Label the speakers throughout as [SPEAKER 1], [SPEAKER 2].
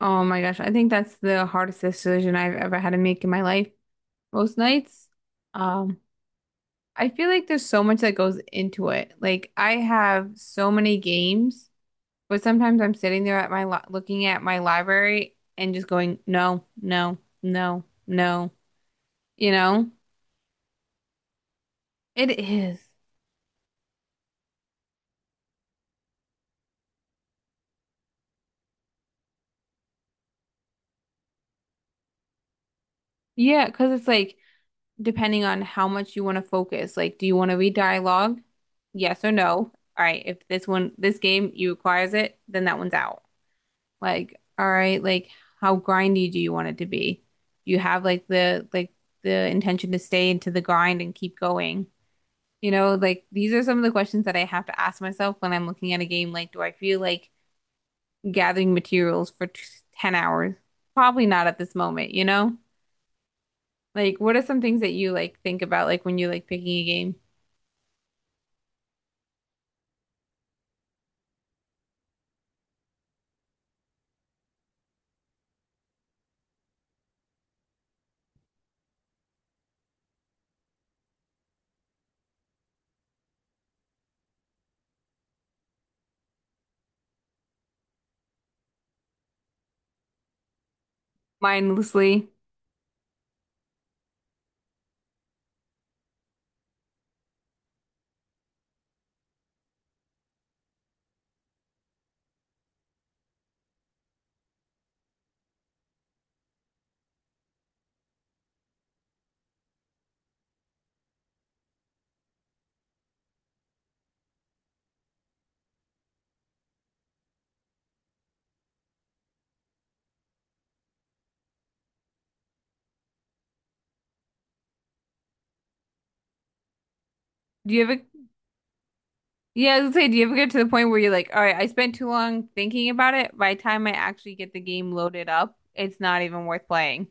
[SPEAKER 1] Oh my gosh, I think that's the hardest decision I've ever had to make in my life most nights. Um, I feel like there's so much that goes into it. Like I have so many games, but sometimes I'm sitting there at my li looking at my library and just going, no, no, no, no. You know? It is. Yeah, because it's like depending on how much you want to focus. Like, do you want to read dialogue? Yes or no? All right, if this one, this game, you requires it, then that one's out. Like, all right, like how grindy do you want it to be? Do you have like the intention to stay into the grind and keep going? You know, like these are some of the questions that I have to ask myself when I'm looking at a game. Like, do I feel like gathering materials for t 10 hours? Probably not at this moment, you know? Like, what are some things that you like think about like when you're like picking a game mindlessly? Do you ever Yeah, I was gonna say, do you ever get to the point where you're like, all right, I spent too long thinking about it. By the time I actually get the game loaded up, it's not even worth playing.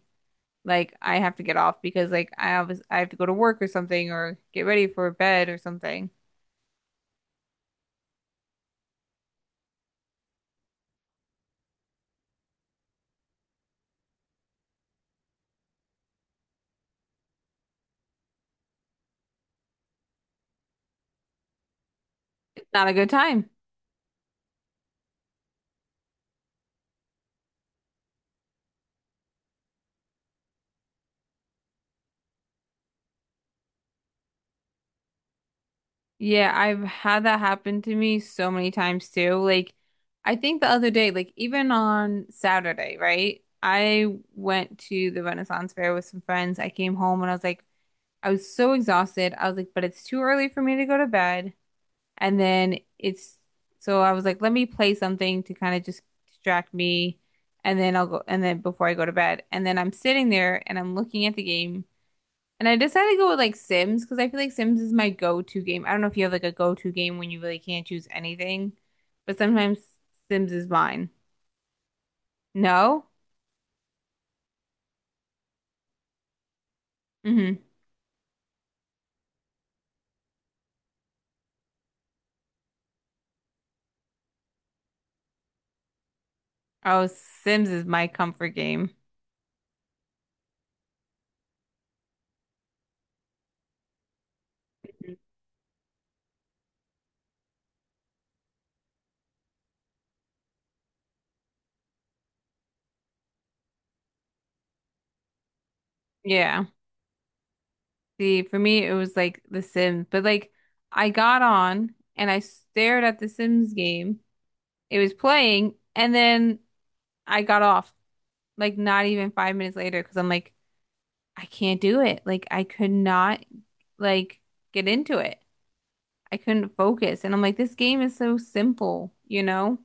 [SPEAKER 1] Like I have to get off because like I have to go to work or something or get ready for bed or something. It's not a good time. Yeah, I've had that happen to me so many times too. Like I think the other day, like even on Saturday, right? I went to the Renaissance Fair with some friends. I came home and I was like, I was so exhausted. I was like, but it's too early for me to go to bed. And then it's so I was like, let me play something to kind of just distract me. And then I'll go, and then before I go to bed. And then I'm sitting there and I'm looking at the game. And I decided to go with like Sims because I feel like Sims is my go-to game. I don't know if you have like a go-to game when you really can't choose anything, but sometimes Sims is mine. No? Mm-hmm. Oh, Sims is my comfort game. Yeah. See, for me, it was like The Sims, but like I got on and I stared at The Sims game. It was playing, and then I got off like not even 5 minutes later because I'm like, I can't do it. Like I could not like get into it. I couldn't focus, and I'm like, this game is so simple, you know?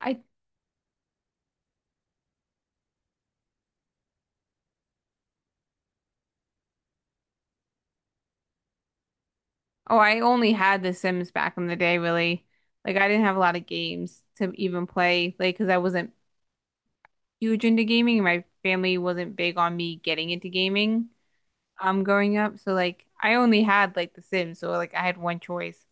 [SPEAKER 1] I Oh, I only had The Sims back in the day, really. Like I didn't have a lot of games to even play, like because I wasn't huge into gaming, and my family wasn't big on me getting into gaming growing up. So like I only had like The Sims, so like I had one choice.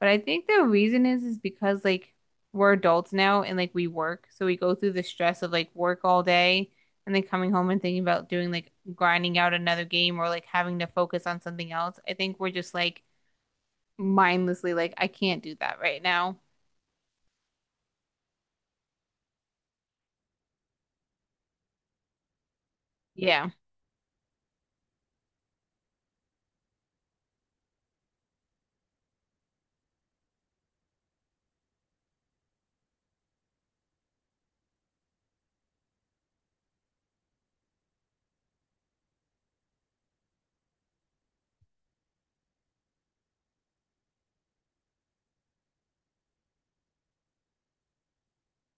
[SPEAKER 1] But I think the reason is because like we're adults now and like we work. So we go through the stress of like work all day and then coming home and thinking about doing like grinding out another game or like having to focus on something else. I think we're just like mindlessly like I can't do that right now. Yeah.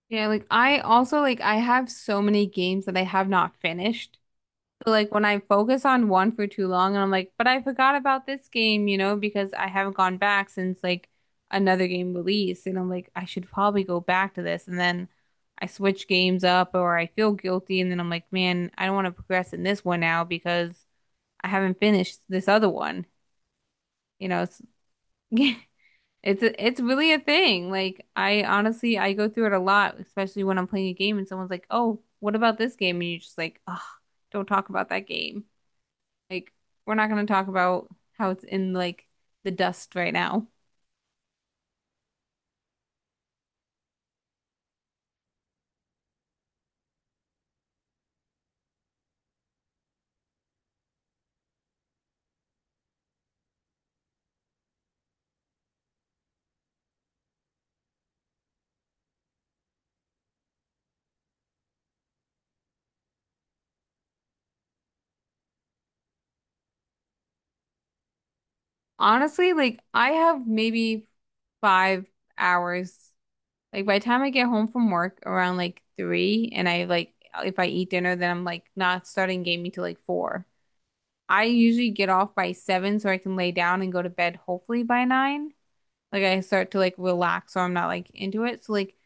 [SPEAKER 1] Yeah, like I also like I have so many games that I have not finished. So like when I focus on one for too long and I'm like, but I forgot about this game, you know, because I haven't gone back since like another game release and I'm like, I should probably go back to this and then I switch games up or I feel guilty and then I'm like, man, I don't want to progress in this one now because I haven't finished this other one. You know, it's it's really a thing. Like I honestly I go through it a lot, especially when I'm playing a game and someone's like, "Oh, what about this game?" and you're just like, "Oh, don't talk about that game." Like, we're not going to talk about how it's in like the dust right now. Honestly, like I have maybe 5 hours. Like by the time I get home from work around like 3, and I like if I eat dinner, then I'm like not starting gaming till like 4. I usually get off by 7 so I can lay down and go to bed hopefully by 9. Like I start to like relax so I'm not like into it. So like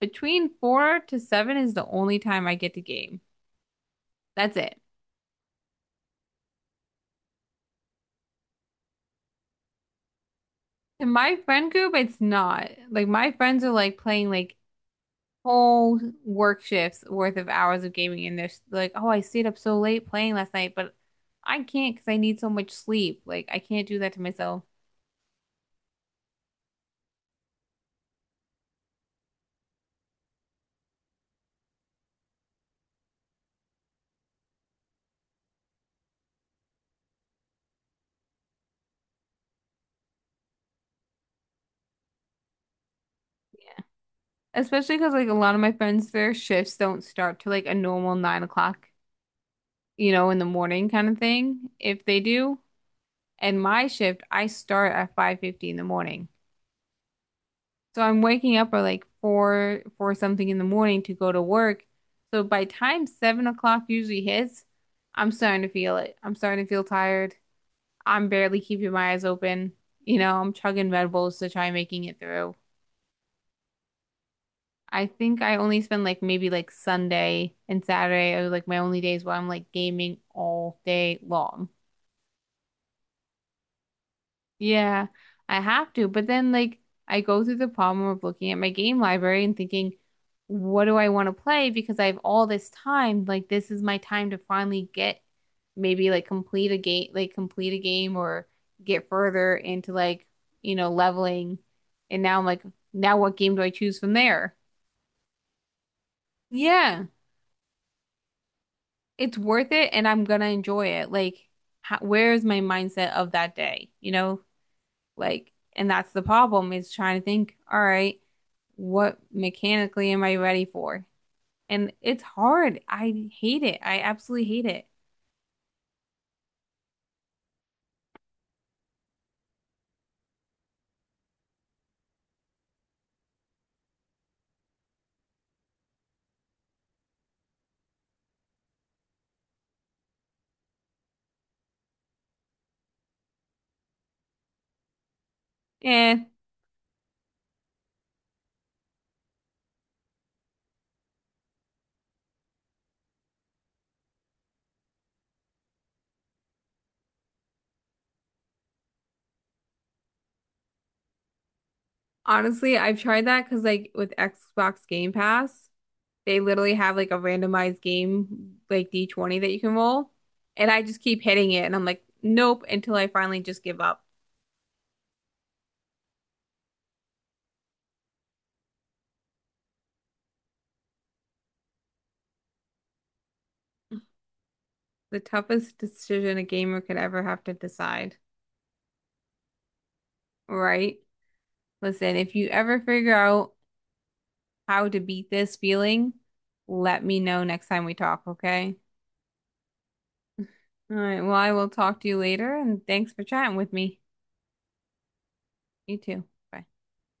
[SPEAKER 1] between 4 to 7 is the only time I get to game. That's it. In my friend group, it's not. Like my friends are like playing like whole work shifts worth of hours of gaming and they're like, "Oh, I stayed up so late playing last night, but I can't because I need so much sleep. Like I can't do that to myself." Especially because like a lot of my friends, their shifts don't start to like a normal 9 o'clock, you know, in the morning kind of thing. If they do, and my shift, I start at 5:50 in the morning. So I'm waking up at like four something in the morning to go to work. So by time 7 o'clock usually hits, I'm starting to feel it. I'm starting to feel tired. I'm barely keeping my eyes open. You know, I'm chugging Red Bulls to try making it through. I think I only spend like maybe like Sunday and Saturday are like my only days where I'm like gaming all day long. Yeah, I have to. But then, like, I go through the problem of looking at my game library and thinking, what do I want to play? Because I have all this time. Like, this is my time to finally get maybe like complete a game, like complete a game or get further into like, you know, leveling. And now I'm like, now what game do I choose from there? Yeah, it's worth it and I'm gonna enjoy it. Like, how, where is my mindset of that day? You know, like, and that's the problem is trying to think, all right, what mechanically am I ready for? And it's hard. I hate it. I absolutely hate it. And honestly, I've tried that because like with Xbox Game Pass, they literally have like a randomized game like D20 that you can roll. And I just keep hitting it and I'm like, nope, until I finally just give up. The toughest decision a gamer could ever have to decide, right? Listen, if you ever figure out how to beat this feeling, let me know next time we talk, okay? All right. Well, I will talk to you later, and thanks for chatting with me. You too. Bye.